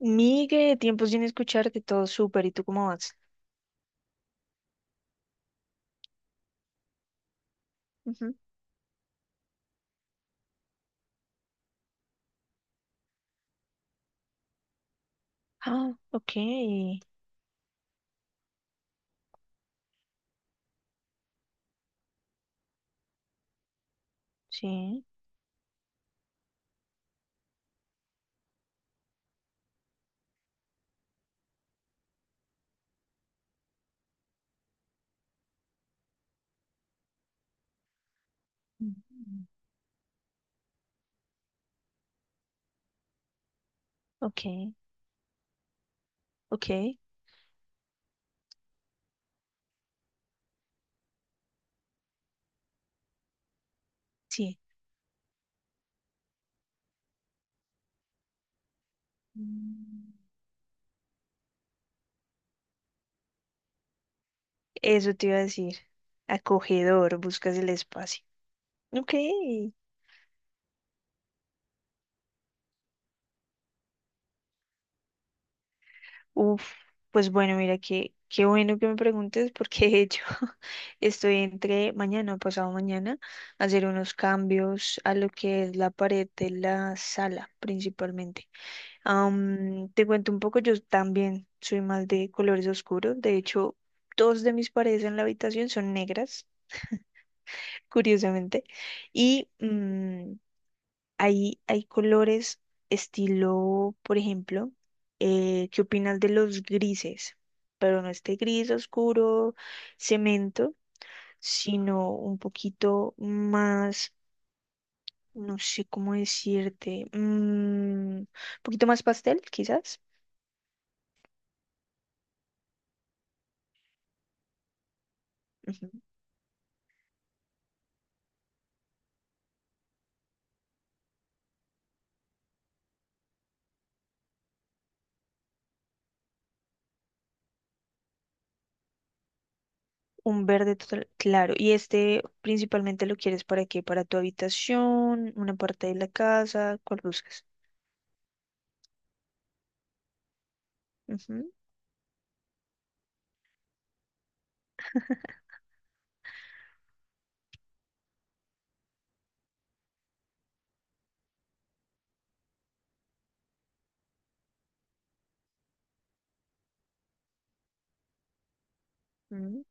Migue, tiempo sin escucharte, todo súper. ¿Y tú cómo vas? Ujú. Ah, ok. Sí. Mm. Ok, ok, sí. Mm. Eso te iba a decir. Acogedor, buscas el espacio. Ok. Uf, pues bueno, mira, qué bueno que me preguntes porque de hecho estoy entre mañana o pasado mañana a hacer unos cambios a lo que es la pared de la sala principalmente. Te cuento un poco, yo también soy más de colores oscuros. De hecho, dos de mis paredes en la habitación son negras, curiosamente. Y hay colores estilo, por ejemplo, ¿qué opinas de los grises? Pero no este gris oscuro, cemento, sino un poquito más, no sé cómo decirte, un poquito más pastel, quizás. Ujú. Un verde total, claro. ¿Y este principalmente lo quieres para qué? ¿Para tu habitación? ¿Una parte de la casa? ¿Cuál buscas? Ujú, mm,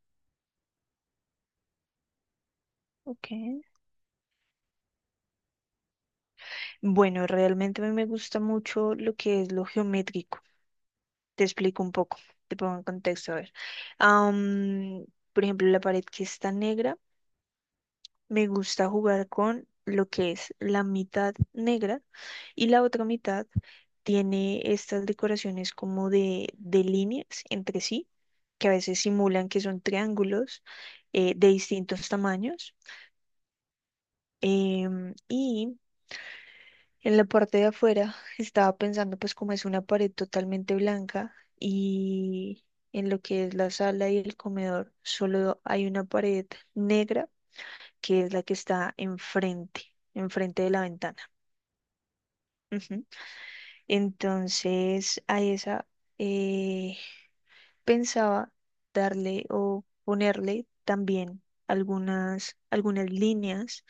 ok. Bueno, realmente a mí me gusta mucho lo que es lo geométrico. Te explico un poco, te pongo en contexto, a ver. Am, por ejemplo, la pared que está negra. Me gusta jugar con lo que es la mitad negra y la otra mitad tiene estas decoraciones como de líneas entre sí, que a veces simulan que son triángulos de distintos tamaños. Y en la parte de afuera estaba pensando pues como es una pared totalmente blanca y en lo que es la sala y el comedor solo hay una pared negra que es la que está enfrente, enfrente de la ventana. Ujú. Entonces, a esa eh, pensaba darle o ponerle también algunas líneas.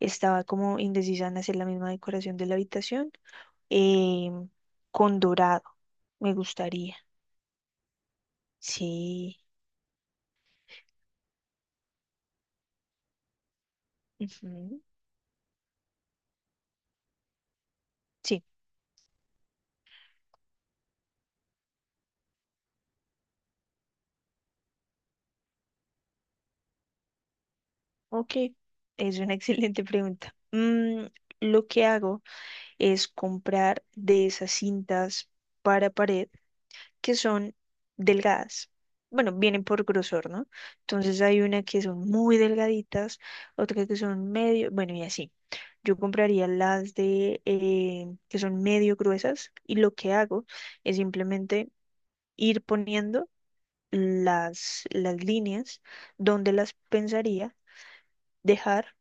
Estaba como indecisa en hacer la misma decoración de la habitación eh, con dorado. Me gustaría. Sí. Ujú. Sí. Ok. Es una excelente pregunta. Lo que hago es comprar de esas cintas para pared que son delgadas. Bueno, vienen por grosor, ¿no? Entonces hay una que son muy delgaditas, otra que son medio, bueno, y así. Yo compraría las de que son medio gruesas y lo que hago es simplemente ir poniendo las líneas donde las pensaría dejar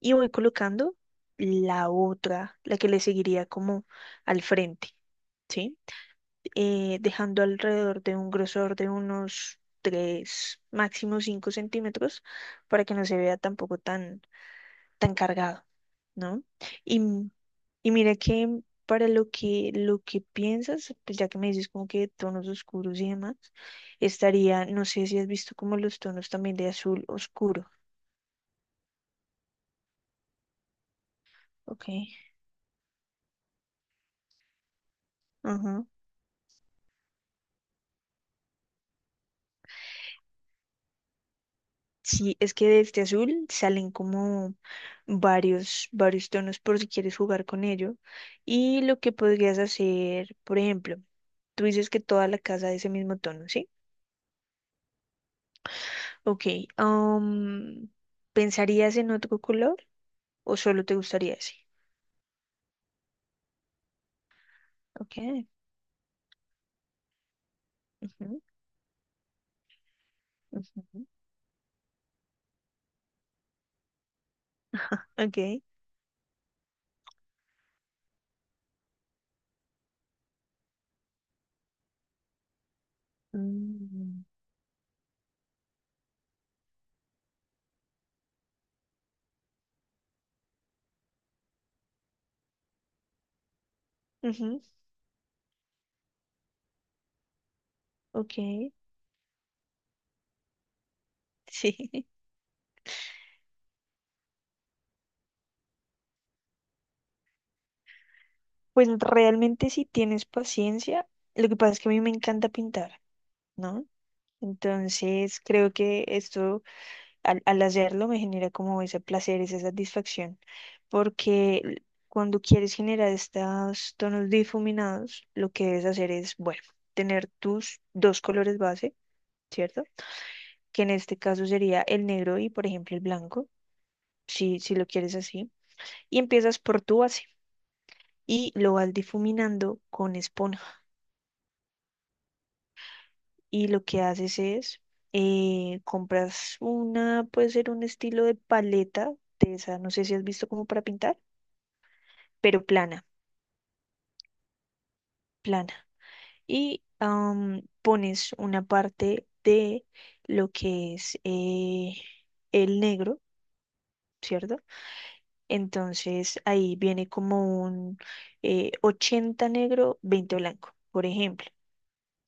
y voy colocando la otra, la que le seguiría como al frente, ¿sí? Dejando alrededor de un grosor de unos 3 máximo 5 centímetros para que no se vea tampoco tan, tan cargado, ¿no? Y, y mira que para lo que piensas, pues ya que me dices como que tonos oscuros y demás, estaría, no sé si has visto como los tonos también de azul oscuro, ¿ok? Ajá. Sí, es que de este azul salen como varios tonos por si quieres jugar con ello. Y lo que podrías hacer, por ejemplo, tú dices que toda la casa es ese mismo tono, ¿sí? Ok, am, ¿pensarías en otro color o solo te gustaría ese? Ok, ujú, ujú, ok, mm, ujú, ok, sí. Pues realmente si tienes paciencia, lo que pasa es que a mí me encanta pintar, ¿no? Entonces, creo que esto, al hacerlo, me genera como ese placer, esa satisfacción, porque cuando quieres generar estos tonos difuminados, lo que debes hacer es, bueno, tener tus dos colores base, ¿cierto? Que en este caso sería el negro y, por ejemplo, el blanco, si lo quieres así, y empiezas por tu base y lo vas difuminando con esponja. Y lo que haces es compras una, puede ser un estilo de paleta de esa, no sé si has visto como para pintar, pero plana, plana. Y pones una parte de lo que es el negro, ¿cierto? Entonces ahí viene como un 80 negro, 20 blanco, por ejemplo.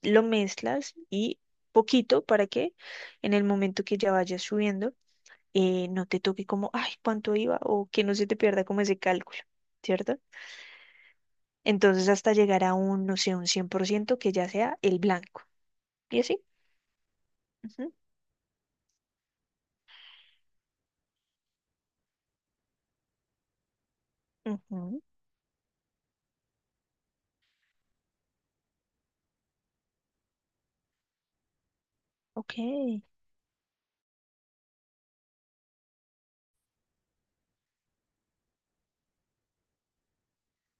Lo mezclas y poquito para que en el momento que ya vayas subiendo, no te toque como, ay, cuánto iba, o que no se te pierda como ese cálculo, ¿cierto? Entonces hasta llegar a un, no sé, un 100% que ya sea el blanco. ¿Y así? Ujú, ujú, ok,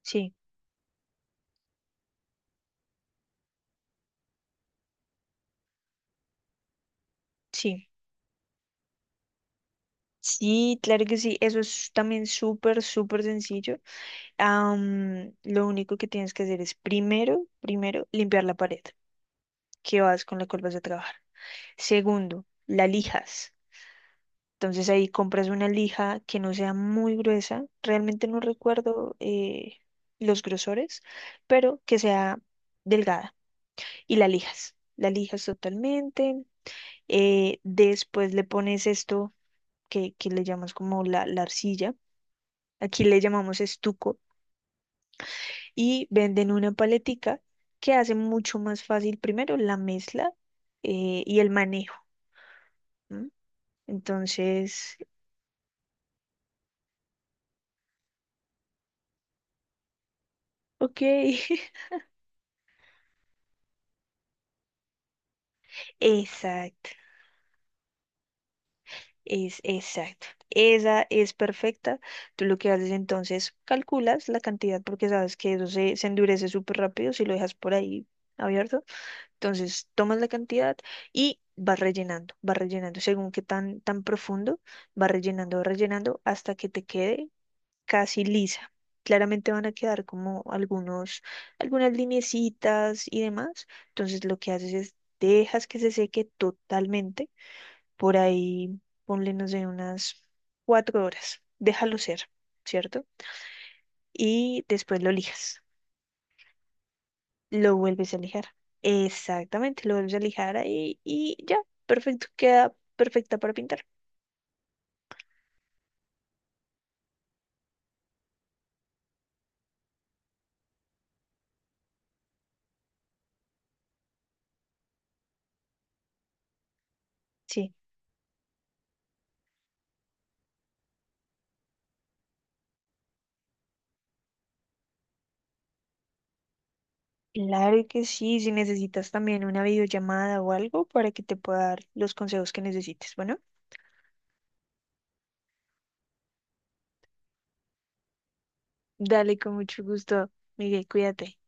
sí, sí. Sí, claro que sí, eso es también súper, súper sencillo. Lo único que tienes que hacer es primero, primero, limpiar la pared que vas con la cual vas a trabajar. Segundo, la lijas. Entonces ahí compras una lija que no sea muy gruesa. Realmente no recuerdo los grosores, pero que sea delgada. Y la lijas. La lijas totalmente. Después le pones esto que le llamas como la arcilla. Aquí le llamamos estuco. Y venden una paletica que hace mucho más fácil primero la mezcla y el manejo. ¿M? Entonces, ok. Exacto. Es exacto. Esa es perfecta. Tú lo que haces entonces, calculas la cantidad porque sabes que eso se endurece súper rápido si lo dejas por ahí abierto. Entonces, tomas la cantidad y vas rellenando, vas rellenando. Según qué tan, tan profundo, vas rellenando hasta que te quede casi lisa. Claramente van a quedar como algunos, algunas lineecitas y demás. Entonces, lo que haces es dejas que se seque totalmente por ahí, ponle, no sé, unas 4 horas. Déjalo ser, ¿cierto? Y después lo lijas. Lo vuelves a lijar. Exactamente, lo vuelves a lijar ahí y ya, perfecto, queda perfecta para pintar. Sí, claro que sí, si necesitas también una videollamada o algo para que te pueda dar los consejos que necesites. Bueno, dale con mucho gusto, Miguel, cuídate.